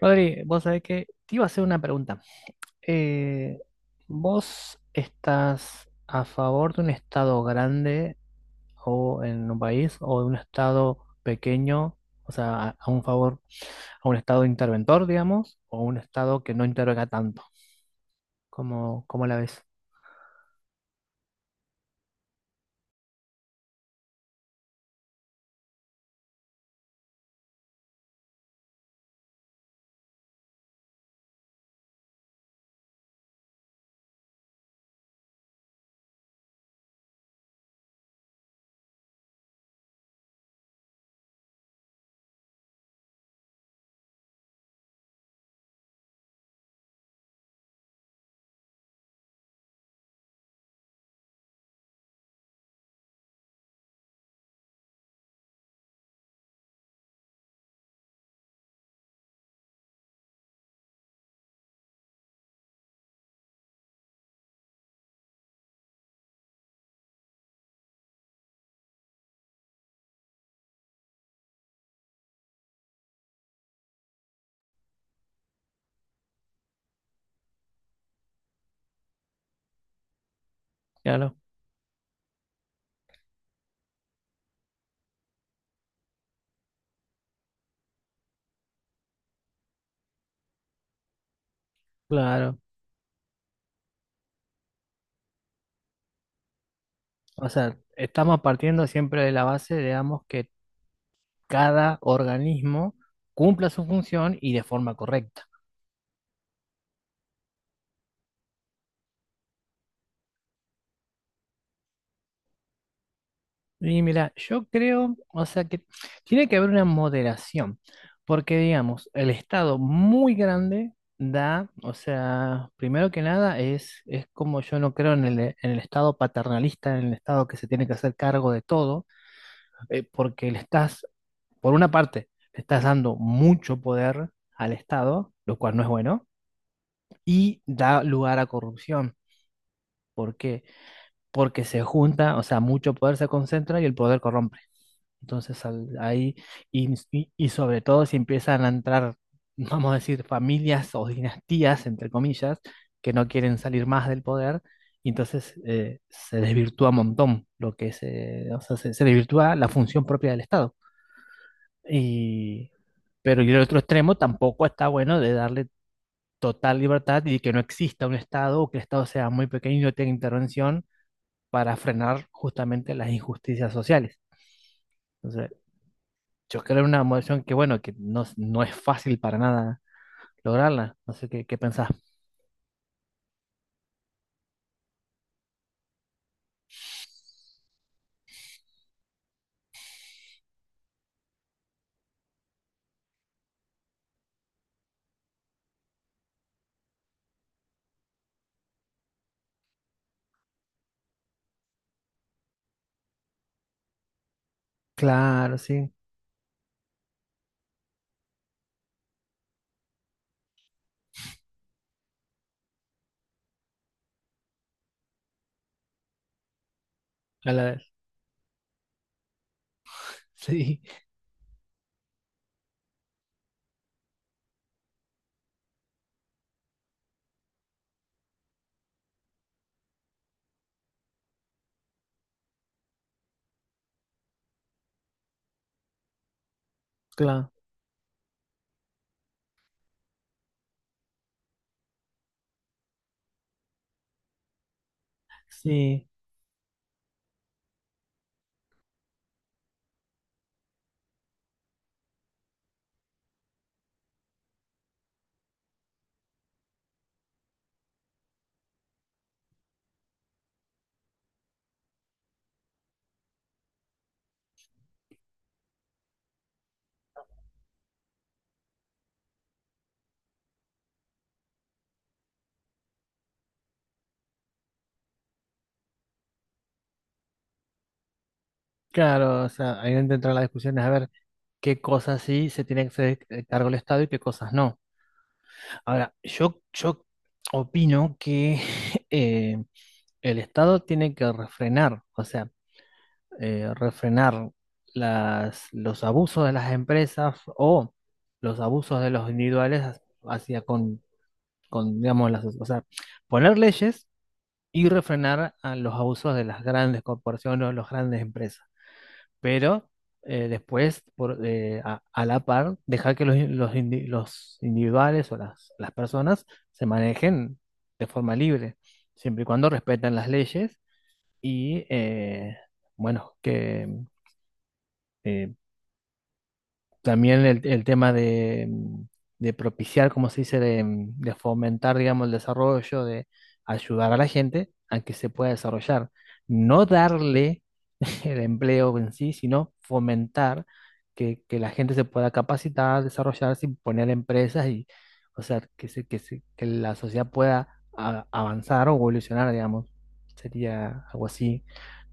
Rodri, vos sabés que te iba a hacer una pregunta. Eh, ¿Vos estás a favor de un estado grande o en un país o de un estado pequeño? O sea, a un favor, a un estado interventor, digamos, o un estado que no intervenga tanto. ¿Cómo la ves? Claro, claro. O sea, estamos partiendo siempre de la base, digamos, que cada organismo cumpla su función y de forma correcta. Y mira, yo creo, o sea que tiene que haber una moderación, porque digamos, el Estado muy grande da, o sea, primero que nada es como yo no creo en el Estado paternalista, en el Estado que se tiene que hacer cargo de todo, porque le estás, por una parte, le estás dando mucho poder al Estado, lo cual no es bueno, y da lugar a corrupción. ¿Por qué? Porque se junta, o sea, mucho poder se concentra y el poder corrompe. Entonces ahí, y sobre todo si empiezan a entrar, vamos a decir, familias o dinastías, entre comillas, que no quieren salir más del poder, y entonces se desvirtúa un montón lo que se, o sea, se desvirtúa la función propia del Estado. Y, pero y el otro extremo tampoco está bueno de darle total libertad y que no exista un Estado o que el Estado sea muy pequeño y no tenga intervención para frenar justamente las injusticias sociales. Entonces, yo creo una emoción que, bueno, que no, no es fácil para nada lograrla. No sé qué pensás. Claro, sí. A la vez. Sí, claro. Sí, claro. O sea, ahí dentro de las discusiones, a ver qué cosas sí se tiene que hacer cargo el Estado y qué cosas no. Ahora, yo opino que eh, el Estado tiene que refrenar, o sea, refrenar los abusos de las empresas o los abusos de los individuales hacia con digamos, o sea, poner leyes y refrenar a los abusos de las grandes corporaciones o las grandes empresas. Pero después, a la par, dejar que los individuales o las personas se manejen de forma libre, siempre y cuando respetan las leyes y, bueno, que eh, también el tema de, de propiciar, como se dice, de, de fomentar, digamos, el desarrollo, de ayudar a la gente a que se pueda desarrollar. No darle el empleo en sí, sino fomentar que la gente se pueda capacitar, desarrollarse y poner empresas y, o sea, que la sociedad pueda avanzar o evolucionar, digamos. Sería algo así.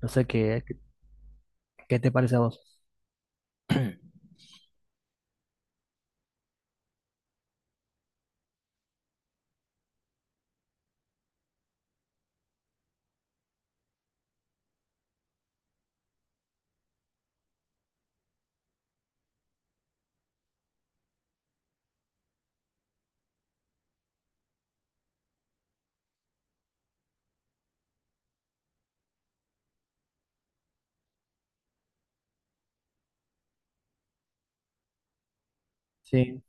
No sé qué te parece a vos. Sí,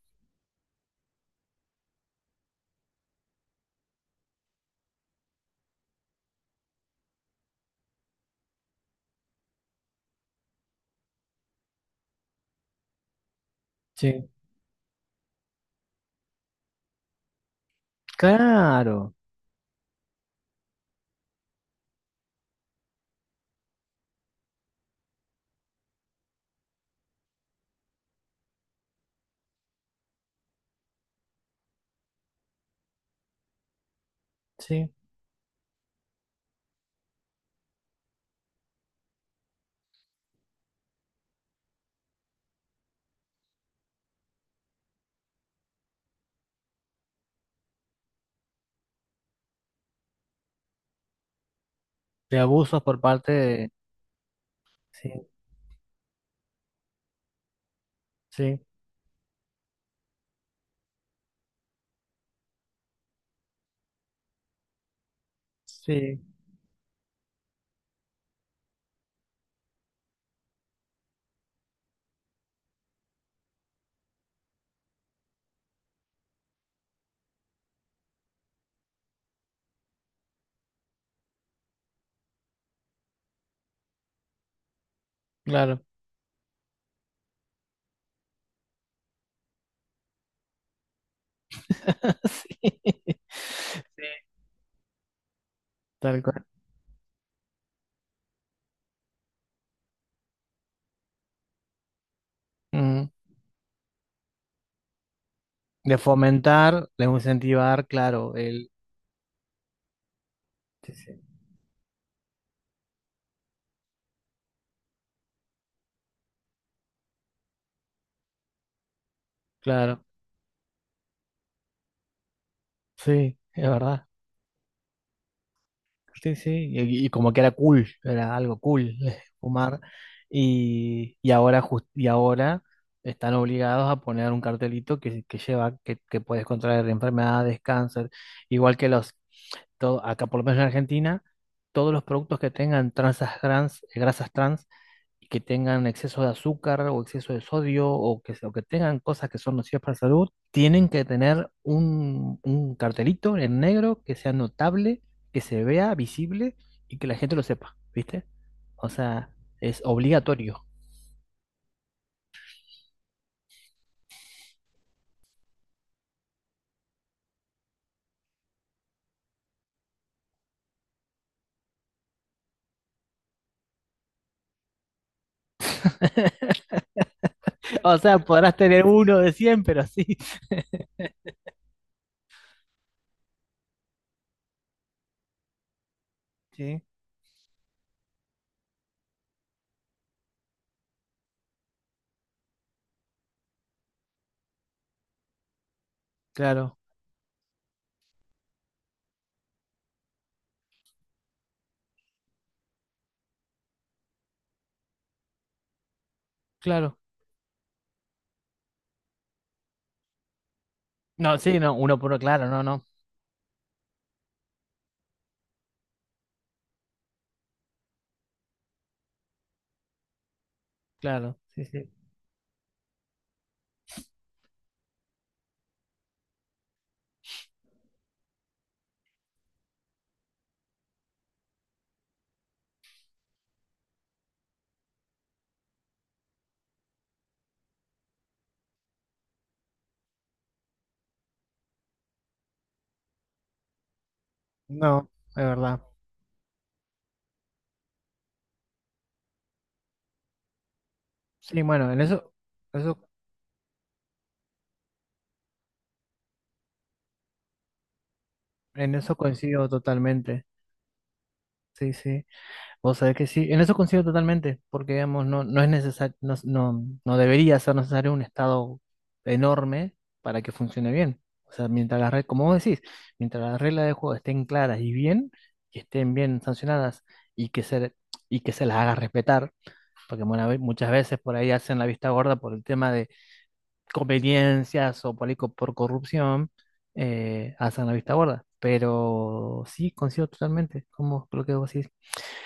sí. Claro, sí. De abusos por parte de... Sí, sí, sí, claro. Sí, sí, tal cual. Ujú. De fomentar, de incentivar, claro, el... Sí, sí. Claro, sí, es verdad. Sí, sí, y como que era cool, era algo cool fumar. Y ahora y ahora están obligados a poner un cartelito que lleva que puedes contraer enfermedades, cáncer, igual que los todo, acá por lo menos en Argentina, todos los productos que tengan grasas trans y que tengan exceso de azúcar o exceso de sodio o o que tengan cosas que son nocivas para la salud, tienen que tener un cartelito en negro que sea notable, que se vea visible y que la gente lo sepa, ¿viste? O sea, es obligatorio. O sea, podrás tener uno de 100 pero sí. Sí, claro, claro. No, sí, no, uno por uno, claro, no, no, claro. Sí, sí. No, es verdad. Sí, bueno, en eso, eso, en eso coincido totalmente. Sí, sí. Vos sabés que sí, en eso coincido totalmente, porque digamos, no, no es necesario, no, no, no debería ser necesario un estado enorme para que funcione bien. O sea, mientras las reglas, como vos decís, mientras las reglas de juego estén claras y bien, que estén bien sancionadas y que se, y que se las haga respetar, porque bueno, muchas veces por ahí hacen la vista gorda por el tema conveniencias o por, ahí co- por corrupción hacen la vista gorda. Pero sí, coincido totalmente como lo que vos decís.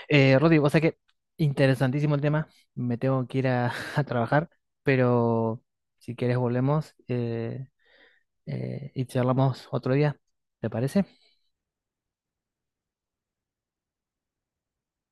Rodrigo, o sea que interesantísimo el tema. Me tengo que ir a, a trabajar, pero si quieres volvemos y charlamos otro día. ¿Te parece?